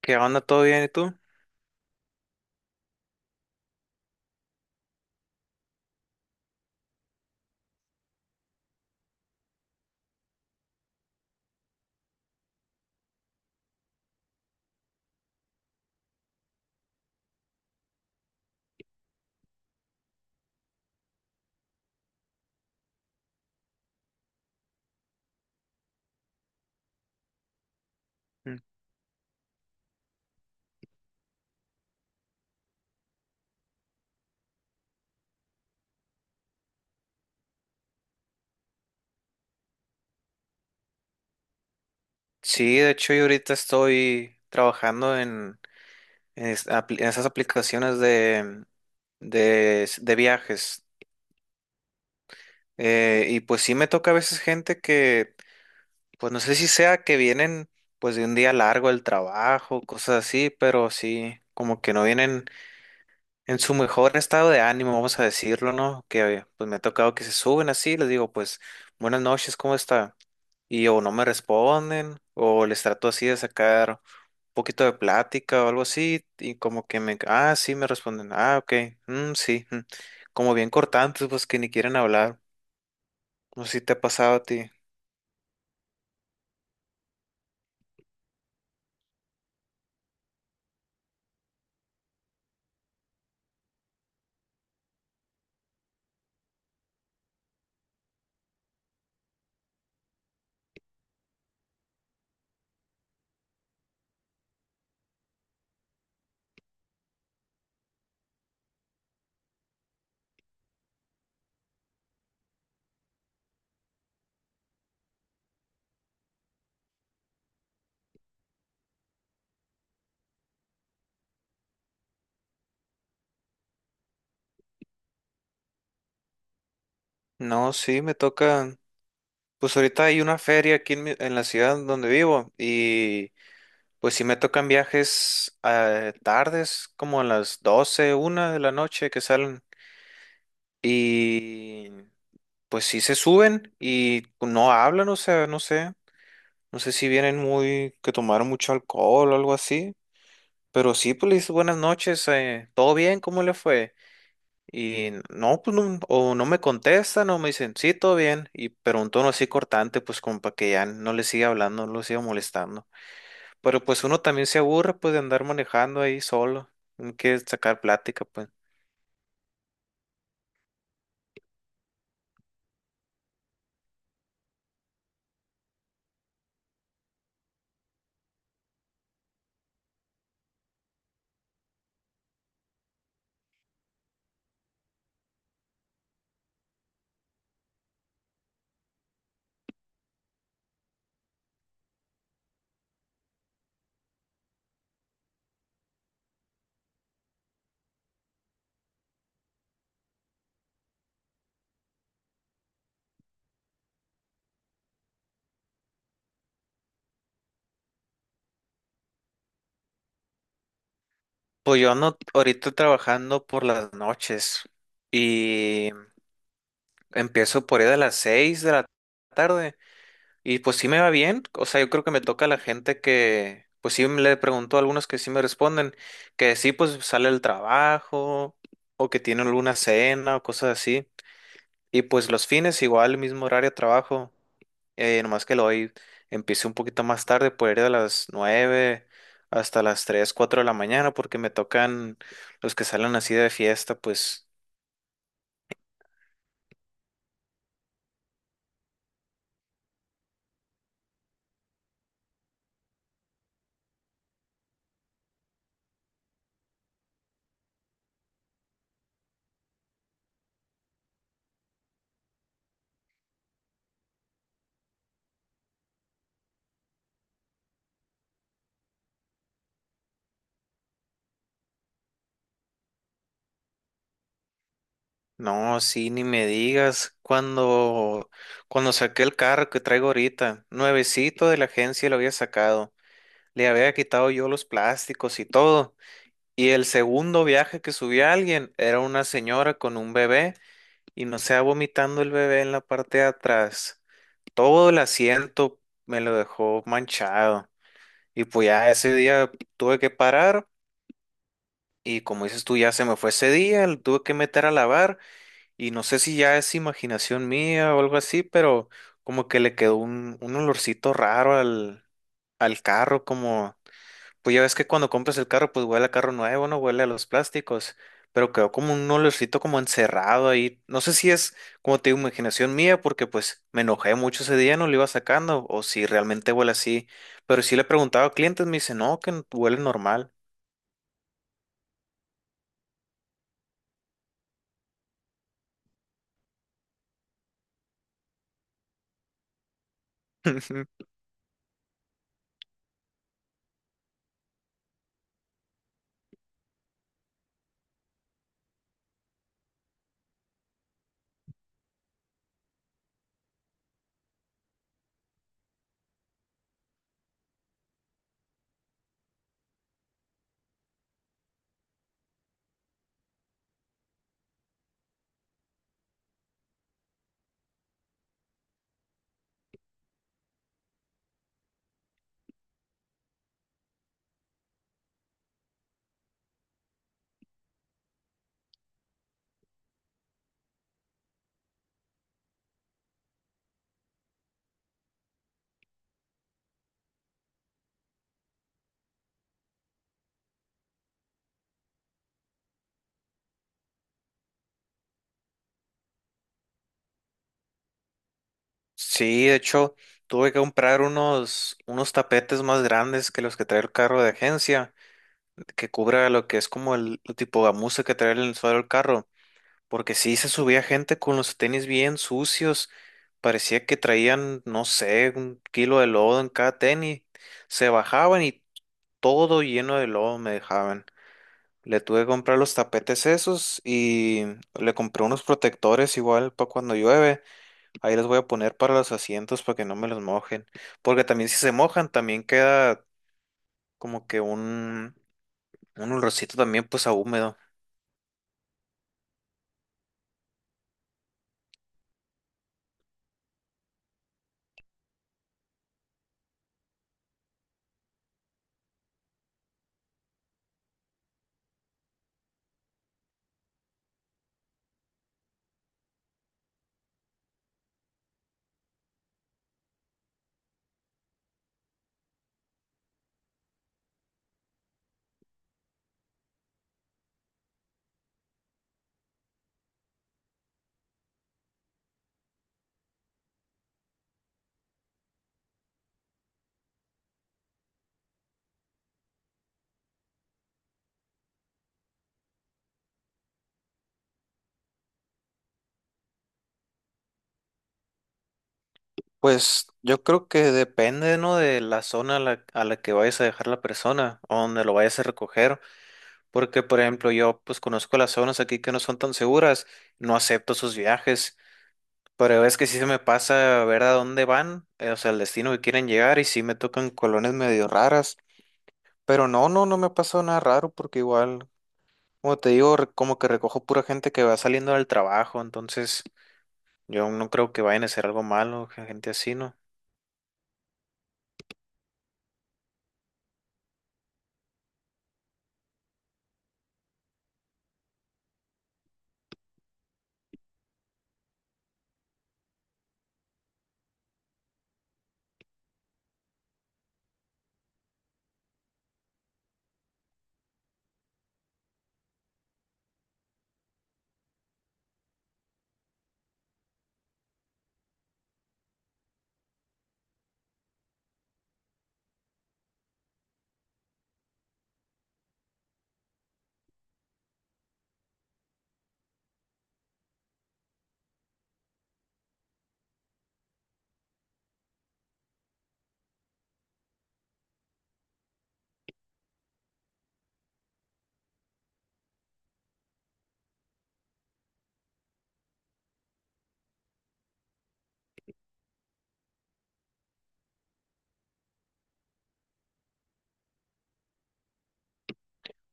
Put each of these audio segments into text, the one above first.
¿Qué onda? ¿Todo bien? ¿Y tú? Mm. Sí, de hecho yo ahorita estoy trabajando en, en esas aplicaciones de viajes. Y pues sí me toca a veces gente que, pues no sé si sea que vienen pues de un día largo del trabajo, cosas así, pero sí, como que no vienen en su mejor estado de ánimo, vamos a decirlo, ¿no? Que pues me ha tocado que se suben así, les digo pues buenas noches, ¿cómo está? Y o no me responden, o les trato así de sacar poquito de plática o algo así, y como que me, ah, sí, me responden, ah, ok, mm, sí, mm. Como bien cortantes, pues que ni quieren hablar, no sé si te ha pasado a ti. No, sí, me toca, pues ahorita hay una feria aquí en la ciudad donde vivo, y pues sí me tocan viajes tardes, como a las 12 1 de la noche que salen, y pues sí se suben y no hablan, o sea, no sé. No sé si vienen muy, que tomaron mucho alcohol o algo así. Pero sí, pues le dices buenas noches, ¿todo bien? ¿Cómo le fue? Y no, pues no, o no me contestan o me dicen, sí, todo bien. Y pero un tono así cortante, pues como para que ya no le siga hablando, no lo siga molestando. Pero pues uno también se aburre, pues de andar manejando ahí solo, no quiere sacar plática, pues. Pues yo ando ahorita trabajando por las noches y empiezo por ahí a las 6 de la tarde. Y pues sí me va bien, o sea, yo creo que me toca a la gente que, pues sí le pregunto a algunos que sí me responden, que sí pues sale el trabajo o que tienen alguna cena o cosas así. Y pues los fines igual, mismo horario de trabajo, nomás que lo hoy empecé un poquito más tarde, por ir de las 9 hasta las 3 4 de la mañana, porque me tocan los que salen así de fiesta, pues. No, sí, ni me digas. Cuando saqué el carro que traigo ahorita, nuevecito de la agencia lo había sacado. Le había quitado yo los plásticos y todo. Y el segundo viaje que subí a alguien era una señora con un bebé y no se vomitando el bebé en la parte de atrás. Todo el asiento me lo dejó manchado. Y pues ya ese día tuve que parar y como dices tú, ya se me fue ese día, lo tuve que meter a lavar. Y no sé si ya es imaginación mía o algo así, pero como que le quedó un olorcito raro al, al carro, como, pues ya ves que cuando compras el carro, pues huele a carro nuevo, no huele a los plásticos, pero quedó como un olorcito como encerrado ahí. No sé si es, como te digo, imaginación mía, porque pues me enojé mucho ese día, no lo iba sacando, o si realmente huele así, pero sí le preguntaba a clientes, me dice, no, que huele normal. Sí, de hecho, tuve que comprar unos tapetes más grandes que los que trae el carro de agencia, que cubra lo que es como el tipo gamuza que trae en el suelo del carro, porque sí se subía gente con los tenis bien sucios, parecía que traían, no sé, un kilo de lodo en cada tenis, se bajaban y todo lleno de lodo me dejaban. Le tuve que comprar los tapetes esos y le compré unos protectores igual para cuando llueve. Ahí les voy a poner para los asientos para que no me los mojen. Porque también si se mojan, también queda como que un olorcito también pues a húmedo. Pues yo creo que depende, ¿no? De la zona a la que vayas a dejar la persona o donde lo vayas a recoger. Porque, por ejemplo, yo pues conozco las zonas aquí que no son tan seguras. No acepto sus viajes. Pero es que sí se me pasa ver a dónde van, o sea, el destino que quieren llegar y sí me tocan colonias medio raras. Pero no me ha pasado nada raro porque igual, como te digo, como que recojo pura gente que va saliendo del trabajo, entonces yo no creo que vayan a hacer algo malo, gente así, ¿no?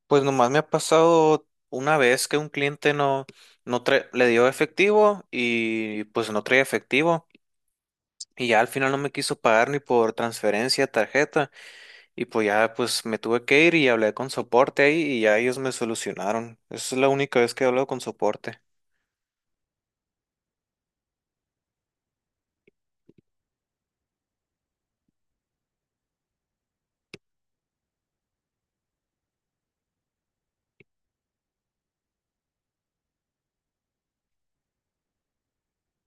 Pues nomás me ha pasado una vez que un cliente no, le dio efectivo y pues no traía efectivo y ya al final no me quiso pagar ni por transferencia, tarjeta y pues ya me tuve que ir y hablé con soporte ahí y ya ellos me solucionaron. Esa es la única vez que he hablado con soporte.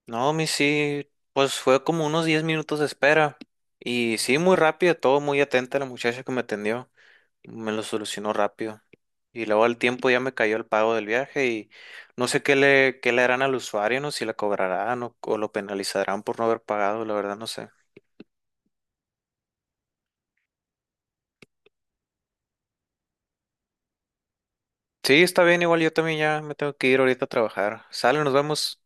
No, mi sí, pues fue como unos 10 minutos de espera. Y sí, muy rápido, todo muy atenta la muchacha que me atendió. Me lo solucionó rápido. Y luego al tiempo ya me cayó el pago del viaje y no sé qué le harán al usuario, no si la cobrarán o lo penalizarán por no haber pagado, la verdad no sé. Sí, está bien, igual yo también ya me tengo que ir ahorita a trabajar. Sale, nos vemos.